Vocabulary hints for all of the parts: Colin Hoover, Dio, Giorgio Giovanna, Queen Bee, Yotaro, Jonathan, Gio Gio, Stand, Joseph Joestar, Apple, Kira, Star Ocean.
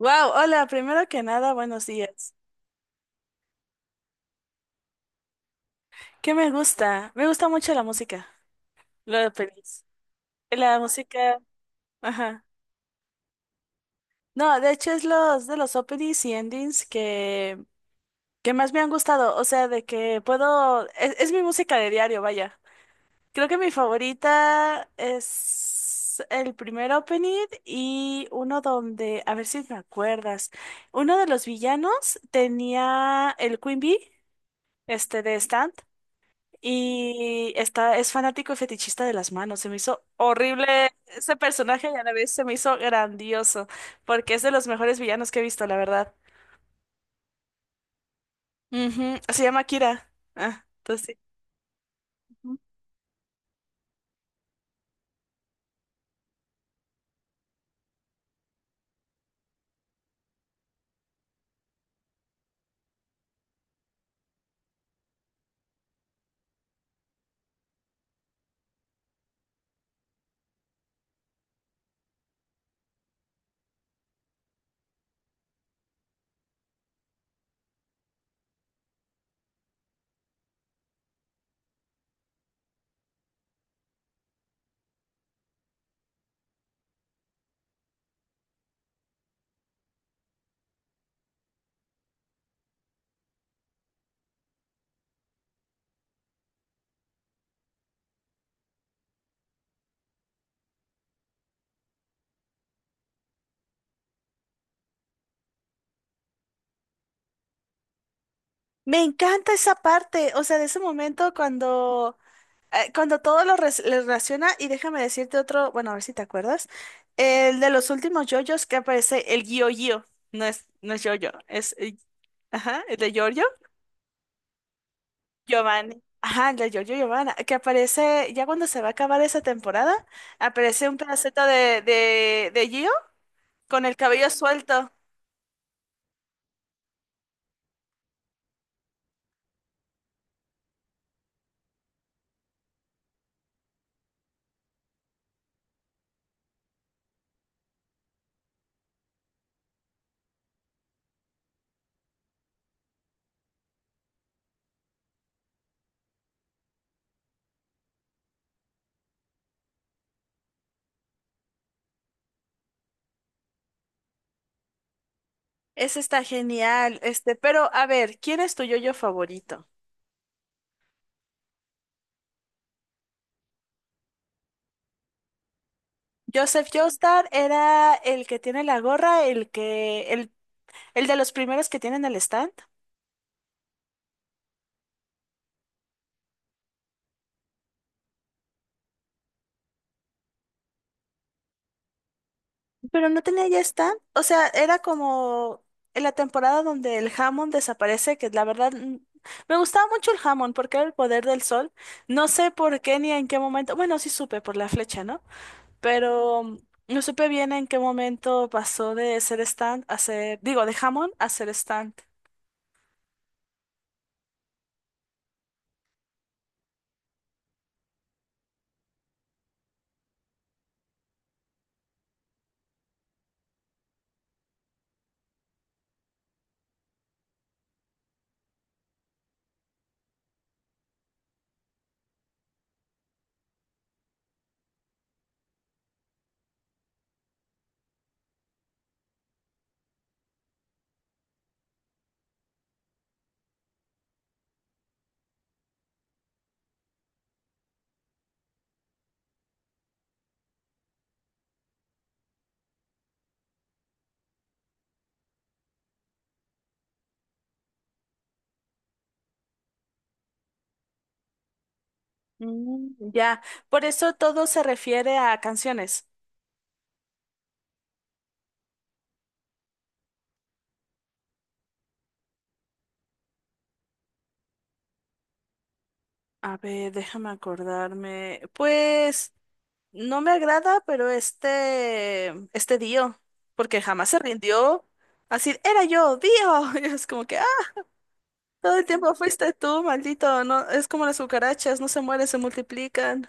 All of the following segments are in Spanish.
Wow, hola, primero que nada, buenos días. ¿Qué me gusta? Me gusta mucho la música, los openings. La música, ajá. No, de hecho es los de los openings y endings que más me han gustado. O sea, de que puedo. Es mi música de diario, vaya. Creo que mi favorita es el primer opening y uno donde, a ver si me acuerdas. Uno de los villanos tenía el Queen Bee, este de Stand. Y está, es fanático y fetichista de las manos. Se me hizo horrible ese personaje y a la vez se me hizo grandioso, porque es de los mejores villanos que he visto, la verdad. Ujú, se llama Kira. Ah, entonces sí. Ujú. Me encanta esa parte, o sea, de ese momento cuando, cuando todo lo le relaciona, y déjame decirte otro, bueno, a ver si te acuerdas, el de los últimos yoyos que aparece, el Gio Gio, no es, no es yoyo, es, ajá, el de Giorgio. Giovanni. Ajá, la Giorgio Giovanna, que aparece, ya cuando se va a acabar esa temporada, aparece un pedacito de Gio con el cabello suelto. Ese está genial. Este, pero a ver, ¿quién es tu yo favorito? Joseph Joestar era el que tiene la gorra, el de los primeros que tienen el stand. Pero no tenía ya stand. O sea, era como en la temporada donde el jamón desaparece, que la verdad me gustaba mucho el jamón porque era el poder del sol. No sé por qué ni en qué momento. Bueno, sí supe por la flecha, ¿no? Pero no supe bien en qué momento pasó de ser stand a ser, digo, de jamón a ser stand. Ya, por eso todo se refiere a canciones. A ver, déjame acordarme. Pues. No me agrada, pero este Dio, porque jamás se rindió. Así, era yo, Dio. Y es como que, ah, todo el tiempo fuiste tú, maldito. No, es como las cucarachas, no se mueren, se multiplican.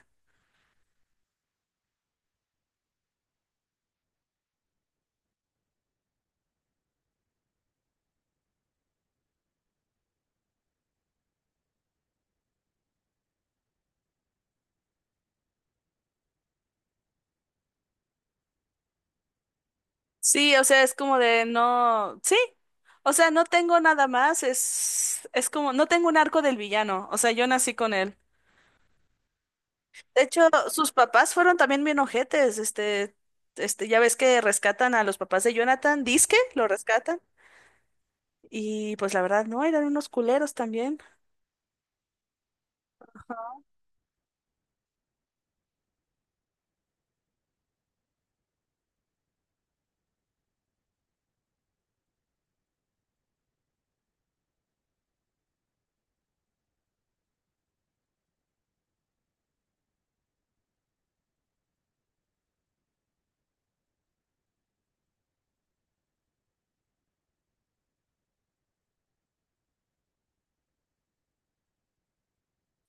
Sí, o sea, es como de no, sí. O sea, no tengo nada más, es como, no tengo un arco del villano. O sea, yo nací con él. De hecho, sus papás fueron también bien ojetes. Ya ves que rescatan a los papás de Jonathan, disque, lo rescatan. Y pues la verdad, no, eran unos culeros también.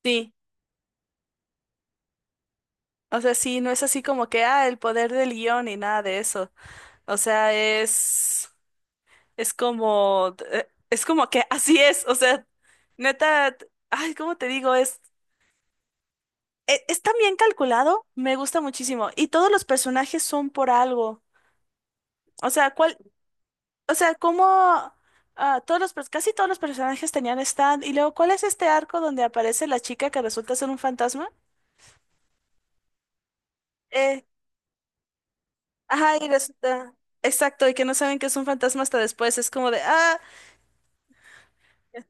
Sí, o sea, sí, no es así como que, ah, el poder del guión y nada de eso. O sea, es como que así es, o sea, neta, ay, ¿cómo te digo? Está bien calculado, me gusta muchísimo. Y todos los personajes son por algo. O sea, ¿cuál, o sea, cómo, ah, todos casi todos los personajes tenían stand. Y luego, ¿cuál es este arco donde aparece la chica que resulta ser un fantasma? Eh, Ajá, y resulta, exacto, y que no saben que es un fantasma hasta después, es como de, ah,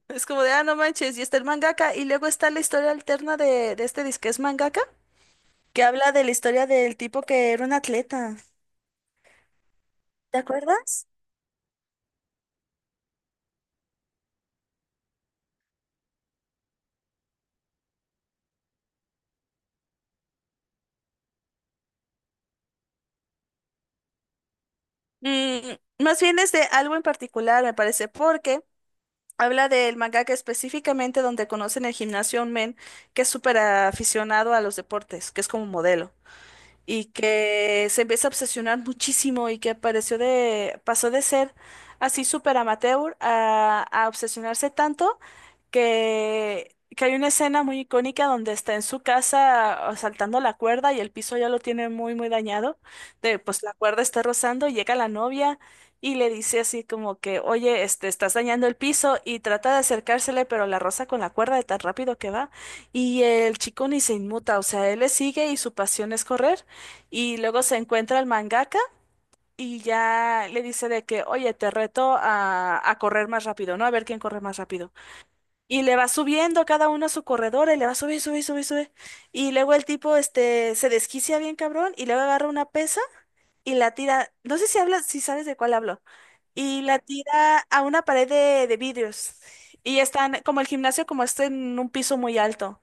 es como de, ah, no manches, y está el mangaka, y luego está la historia alterna de este disque es mangaka, que habla de la historia del tipo que era un atleta, ¿te acuerdas? Mm, más bien es de algo en particular, me parece, porque habla del mangaka específicamente donde conocen el gimnasio a un men que es súper aficionado a los deportes, que es como modelo. Y que se empieza a obsesionar muchísimo y que pareció de, pasó de ser así súper amateur a obsesionarse tanto que hay una escena muy icónica donde está en su casa ah, saltando la cuerda y el piso ya lo tiene muy, muy dañado. De, pues la cuerda está rozando y llega la novia y le dice así como que, oye, este, estás dañando el piso y trata de acercársele, pero la roza con la cuerda de tan rápido que va. Y el chico ni se inmuta, o sea, él le sigue y su pasión es correr. Y luego se encuentra el mangaka y ya le dice de que, oye, te reto a correr más rápido, ¿no? A ver quién corre más rápido. Y le va subiendo cada uno a su corredor y le va a subir, subir, subir, subir. Y luego el tipo, este, se desquicia bien cabrón y luego agarra una pesa y la tira, no sé si hablas, si sabes de cuál hablo, y la tira a una pared de vidrios. Y están, como el gimnasio, como está en un piso muy alto.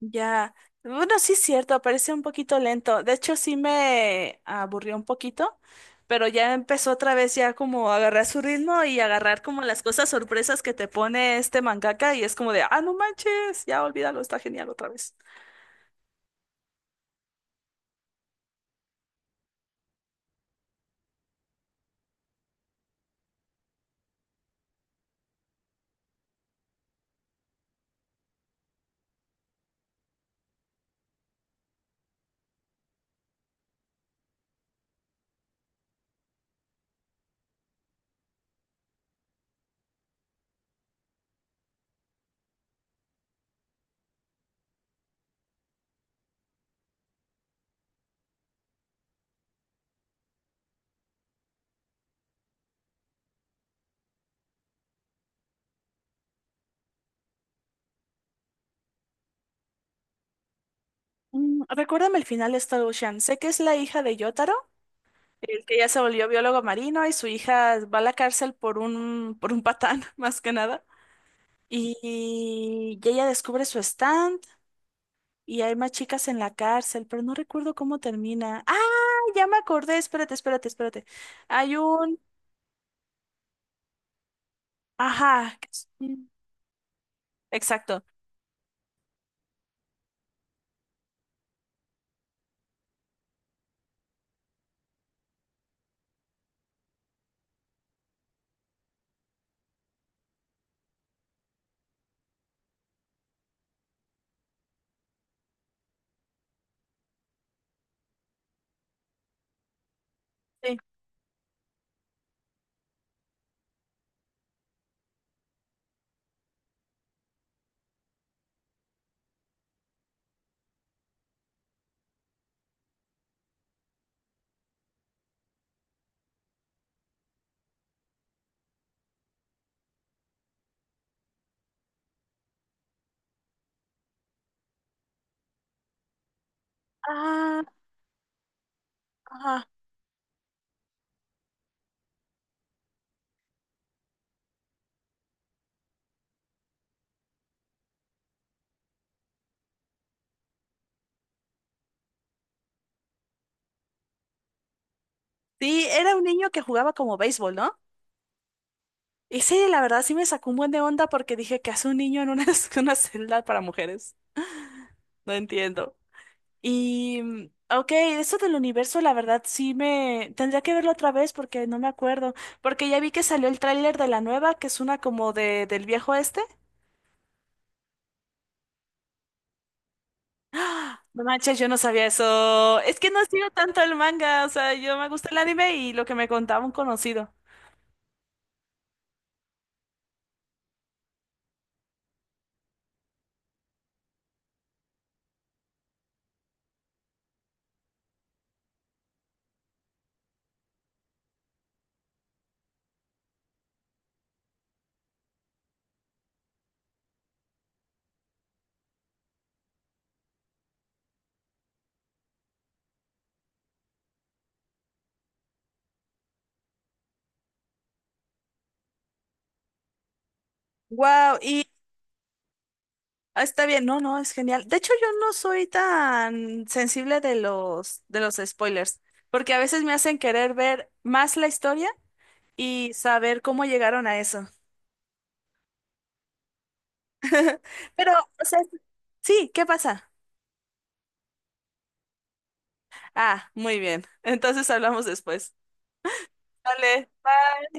Ya, bueno, sí es cierto, parece un poquito lento. De hecho, sí me aburrió un poquito, pero ya empezó otra vez ya como a agarrar su ritmo y agarrar como las cosas sorpresas que te pone este mangaka y es como de, ah, no manches, ya olvídalo, está genial otra vez. Recuérdame el final de Star Ocean. Sé que es la hija de Yotaro, el que ya se volvió biólogo marino y su hija va a la cárcel por un patán, más que nada. Y y ella descubre su stand. Y hay más chicas en la cárcel, pero no recuerdo cómo termina. ¡Ah! Ya me acordé. Espérate, espérate, espérate. Hay un. Ajá. Exacto. Sí. Ah, ajá. Sí, era un niño que jugaba como béisbol, ¿no? Y sí, la verdad sí me sacó un buen de onda porque dije que hace un niño en una, una celda para mujeres. No entiendo. Y. Ok, eso del universo, la verdad sí me. Tendría que verlo otra vez porque no me acuerdo. Porque ya vi que salió el tráiler de la nueva, que es una como de, del viejo este. No manches, yo no sabía eso. Es que no sigo tanto el manga, o sea, yo me gusta el anime y lo que me contaba un conocido. Wow, y ah, está bien, no, no, es genial. De hecho, yo no soy tan sensible de los spoilers, porque a veces me hacen querer ver más la historia y saber cómo llegaron a eso. Pero, o sea, sí, ¿qué pasa? Ah, muy bien. Entonces hablamos después. Vale, bye.